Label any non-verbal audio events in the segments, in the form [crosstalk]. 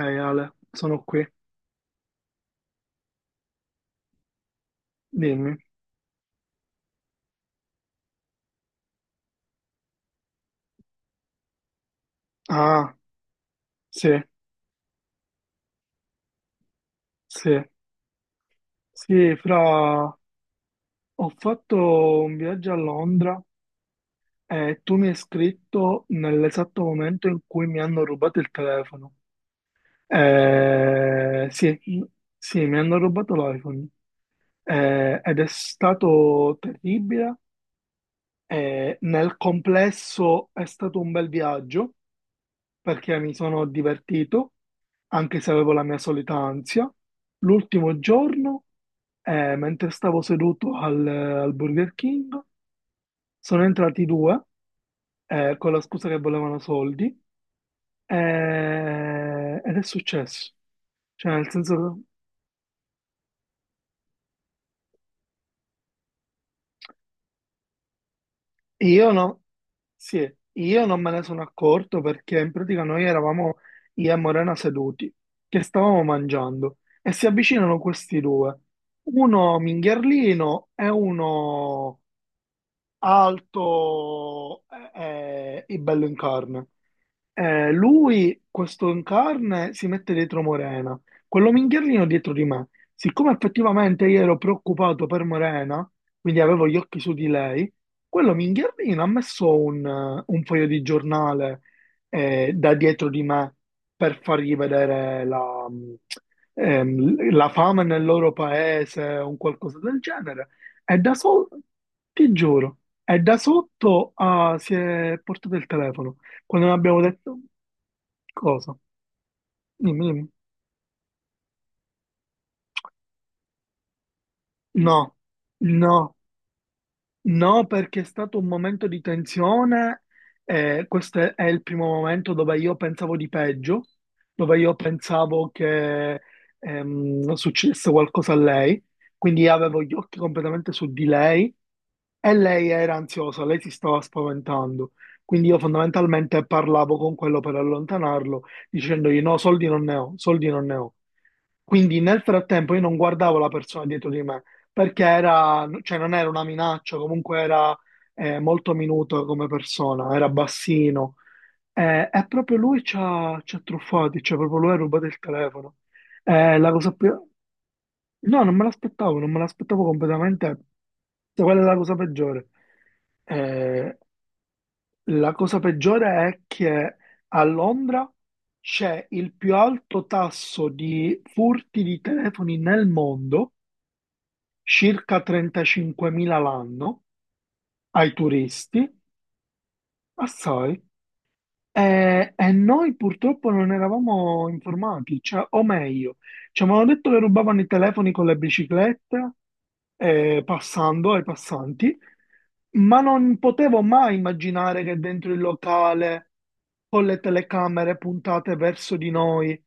Ehi Ale, sono qui, dimmi. Ah, sì, sì, sì, fra... Ho fatto un viaggio a Londra e tu mi hai scritto nell'esatto momento in cui mi hanno rubato il telefono. Sì, sì, mi hanno rubato l'iPhone. Ed è stato terribile. Nel complesso è stato un bel viaggio perché mi sono divertito, anche se avevo la mia solita ansia. L'ultimo giorno, mentre stavo seduto al, al Burger King, sono entrati due, con la scusa che volevano soldi, ed è successo. Cioè, nel senso che io no, sì, io non me ne sono accorto perché in pratica noi eravamo io e Morena seduti, che stavamo mangiando, e si avvicinano questi due, uno mingherlino e uno alto e bello in carne. Lui, questo in carne, si mette dietro Morena, quello minghierlino dietro di me. Siccome effettivamente io ero preoccupato per Morena, quindi avevo gli occhi su di lei, quello minghierlino ha messo un foglio di giornale da dietro di me per fargli vedere la, la fame nel loro paese o un qualcosa del genere. È da sotto, ti giuro, è da sotto a si è portato il telefono. Quando non abbiamo detto cosa? Dimmi. No, no, no, perché è stato un momento di tensione. Questo è il primo momento dove io pensavo di peggio, dove io pensavo che succedesse qualcosa a lei. Quindi avevo gli occhi completamente su di lei. E lei era ansiosa, lei si stava spaventando. Quindi io fondamentalmente parlavo con quello per allontanarlo, dicendogli no, soldi non ne ho, soldi non ne ho. Quindi nel frattempo io non guardavo la persona dietro di me, perché era, cioè non era una minaccia, comunque era molto minuto come persona, era bassino. E proprio lui ci ha truffati, cioè proprio lui ha rubato il telefono. La cosa più... No, non me l'aspettavo, non me l'aspettavo completamente. Sai qual è la cosa peggiore? Eh, la cosa peggiore è che a Londra c'è il più alto tasso di furti di telefoni nel mondo, circa 35.000 l'anno, ai turisti, assai. E noi purtroppo non eravamo informati, cioè, o meglio, ci avevano detto che rubavano i telefoni con le biciclette, passando ai passanti, ma non potevo mai immaginare che dentro il locale, con le telecamere puntate verso di noi,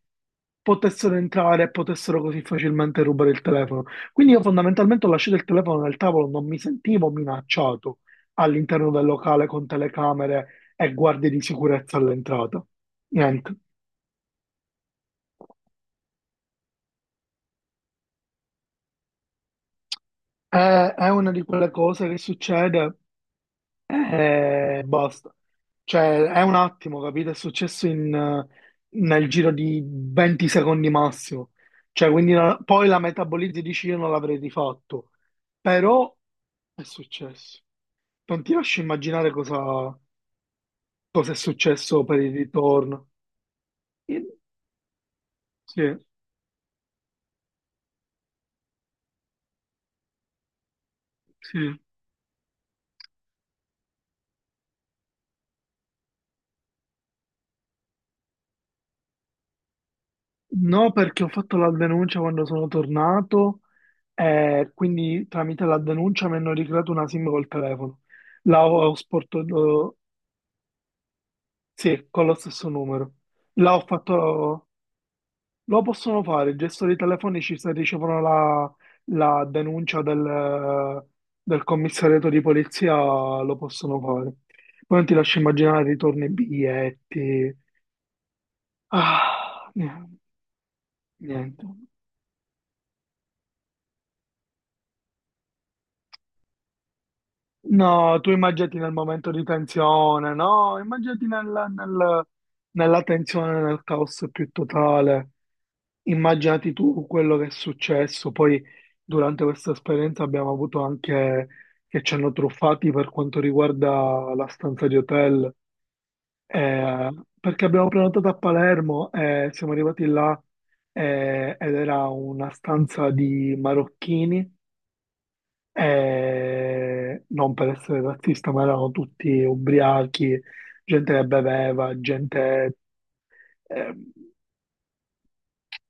potessero entrare e potessero così facilmente rubare il telefono. Quindi io fondamentalmente ho lasciato il telefono nel tavolo, non mi sentivo minacciato all'interno del locale con telecamere e guardie di sicurezza all'entrata. Niente. È, è una di quelle cose che succede e basta. Cioè, è un attimo, capito? È successo in, nel giro di 20 secondi massimo. Cioè, quindi poi la metabolizzi e dici io non l'avrei rifatto. Però è successo. Non ti lascio immaginare cosa, cosa è successo per il ritorno. Io- Sì, sì. No, perché ho fatto la denuncia quando sono tornato e quindi tramite la denuncia mi hanno ricreato una SIM col telefono. La ho, ho sporto, sì, con lo stesso numero. La ho fatto, lo possono fare, i gestori telefonici se ricevono la, la denuncia del, del commissariato di polizia lo possono fare. Poi non ti lascio immaginare ritorni, biglietti. Ah, niente. Niente. No, tu immaginati nel momento di tensione, no? Immaginati nella tensione, nel caos più totale. Immaginati tu quello che è successo. Poi, durante questa esperienza, abbiamo avuto anche che ci hanno truffati per quanto riguarda la stanza di hotel. Eh, perché abbiamo prenotato a Palermo e siamo arrivati là ed era una stanza di marocchini e non per essere razzista, ma erano tutti ubriachi, gente che beveva, gente ehm,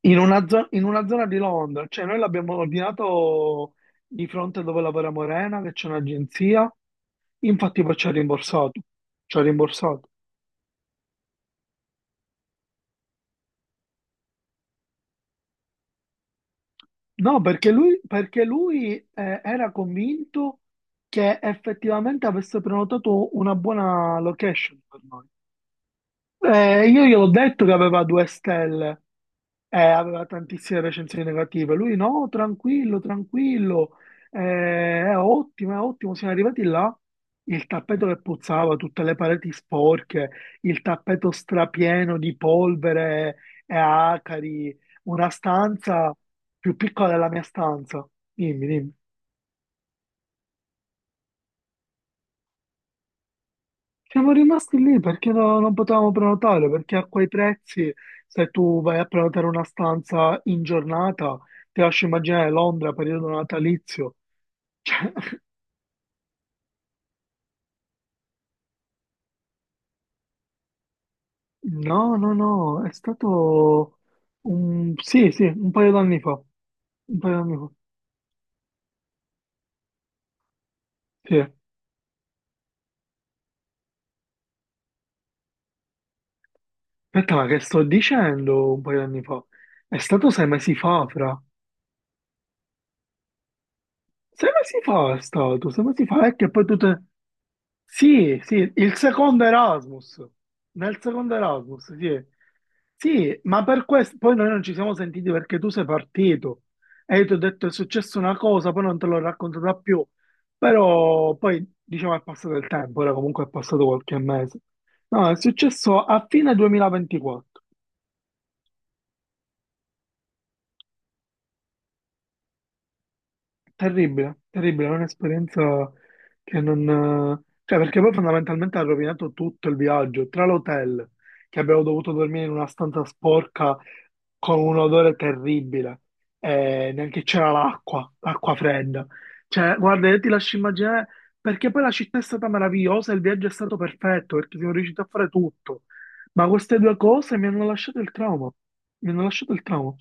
in una, in una zona di Londra. Cioè, noi l'abbiamo ordinato di fronte dove lavora Morena, che c'è un'agenzia. Infatti, poi ci ha rimborsato. Ci ha rimborsato. No, perché lui era convinto che effettivamente avesse prenotato una buona location per noi. Io gli ho detto che aveva 2 stelle. Aveva tantissime recensioni negative. Lui no, tranquillo, tranquillo, è ottimo, è ottimo. Siamo arrivati là, il tappeto che puzzava, tutte le pareti sporche, il tappeto strapieno di polvere e acari, una stanza più piccola della mia stanza. Dimmi, dimmi. Siamo rimasti lì perché non potevamo prenotare, perché a quei prezzi, se tu vai a prenotare una stanza in giornata, ti lascio immaginare Londra, periodo natalizio. Cioè, [laughs] no, no, no, è stato un... sì, sì, un paio d'anni fa. Un paio d'anni fa. Sì. Aspetta, ma che sto dicendo un paio d'anni fa? È stato 6 mesi fa, fra. 6 mesi fa è stato, 6 mesi fa, è che poi tu te... Sì, sì, il secondo Erasmus, nel secondo Erasmus, sì. Sì, ma per questo poi noi non ci siamo sentiti perché tu sei partito e io ti ho detto è successa una cosa, poi non te l'ho raccontata più, però poi diciamo è passato il tempo, ora comunque è passato qualche mese. No, è successo a fine 2024. Terribile, terribile, è un'esperienza che non... Cioè, perché poi fondamentalmente ha rovinato tutto il viaggio, tra l'hotel, che abbiamo dovuto dormire in una stanza sporca con un odore terribile, e neanche c'era l'acqua, l'acqua fredda. Cioè, guarda, io ti lascio immaginare, perché poi la città è stata meravigliosa, il viaggio è stato perfetto, perché siamo riusciti a fare tutto, ma queste due cose mi hanno lasciato il trauma, mi hanno lasciato il trauma.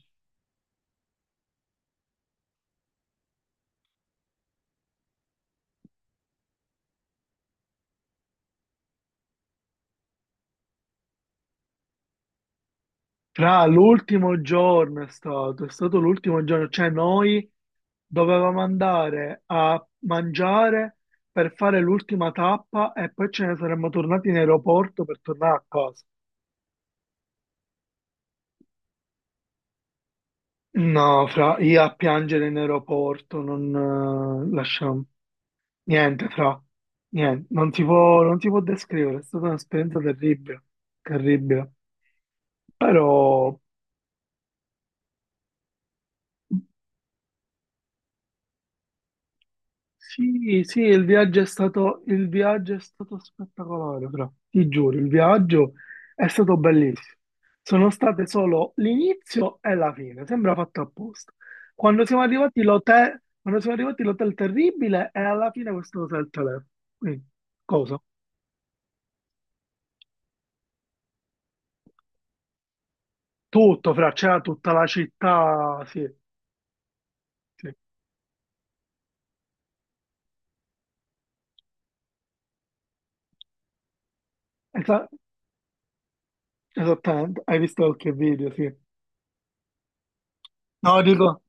Fra l'ultimo giorno è stato l'ultimo giorno, cioè noi dovevamo andare a mangiare per fare l'ultima tappa e poi ce ne saremmo tornati in aeroporto per tornare a casa. No, fra, io a piangere in aeroporto, non lasciamo niente, fra, niente, non si può, non si può descrivere, è stata un'esperienza terribile, terribile. Però sì, sì, il viaggio è stato, il viaggio è stato spettacolare, fra. Ti giuro, il viaggio è stato bellissimo. Sono state solo l'inizio e la fine, sembra fatto apposta. Quando siamo arrivati l'hotel, quando siamo arrivati l'hotel terribile e alla fine questo hotel telefono. Quindi, cosa? Tutto, fra, c'era tutta la città, sì, sì. Esa- esattamente, hai visto qualche video, sì. No, dico,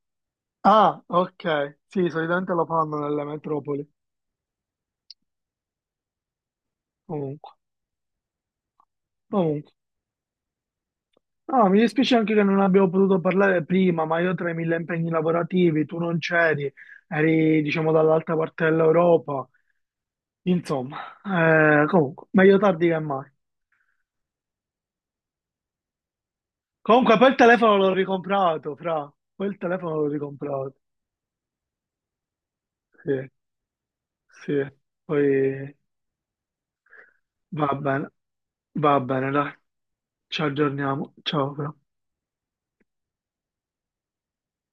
ah, ok, sì, solitamente lo fanno nelle metropoli. Comunque, no, mi dispiace anche che non abbiamo potuto parlare prima, ma io tra i mille impegni lavorativi, tu non c'eri, eri diciamo dall'altra parte dell'Europa, insomma, comunque, meglio tardi che mai. Comunque, poi il telefono l'ho ricomprato, fra, poi il telefono l'ho ricomprato, sì, sì, poi va bene, va bene, dai, ci aggiorniamo, ciao, fra.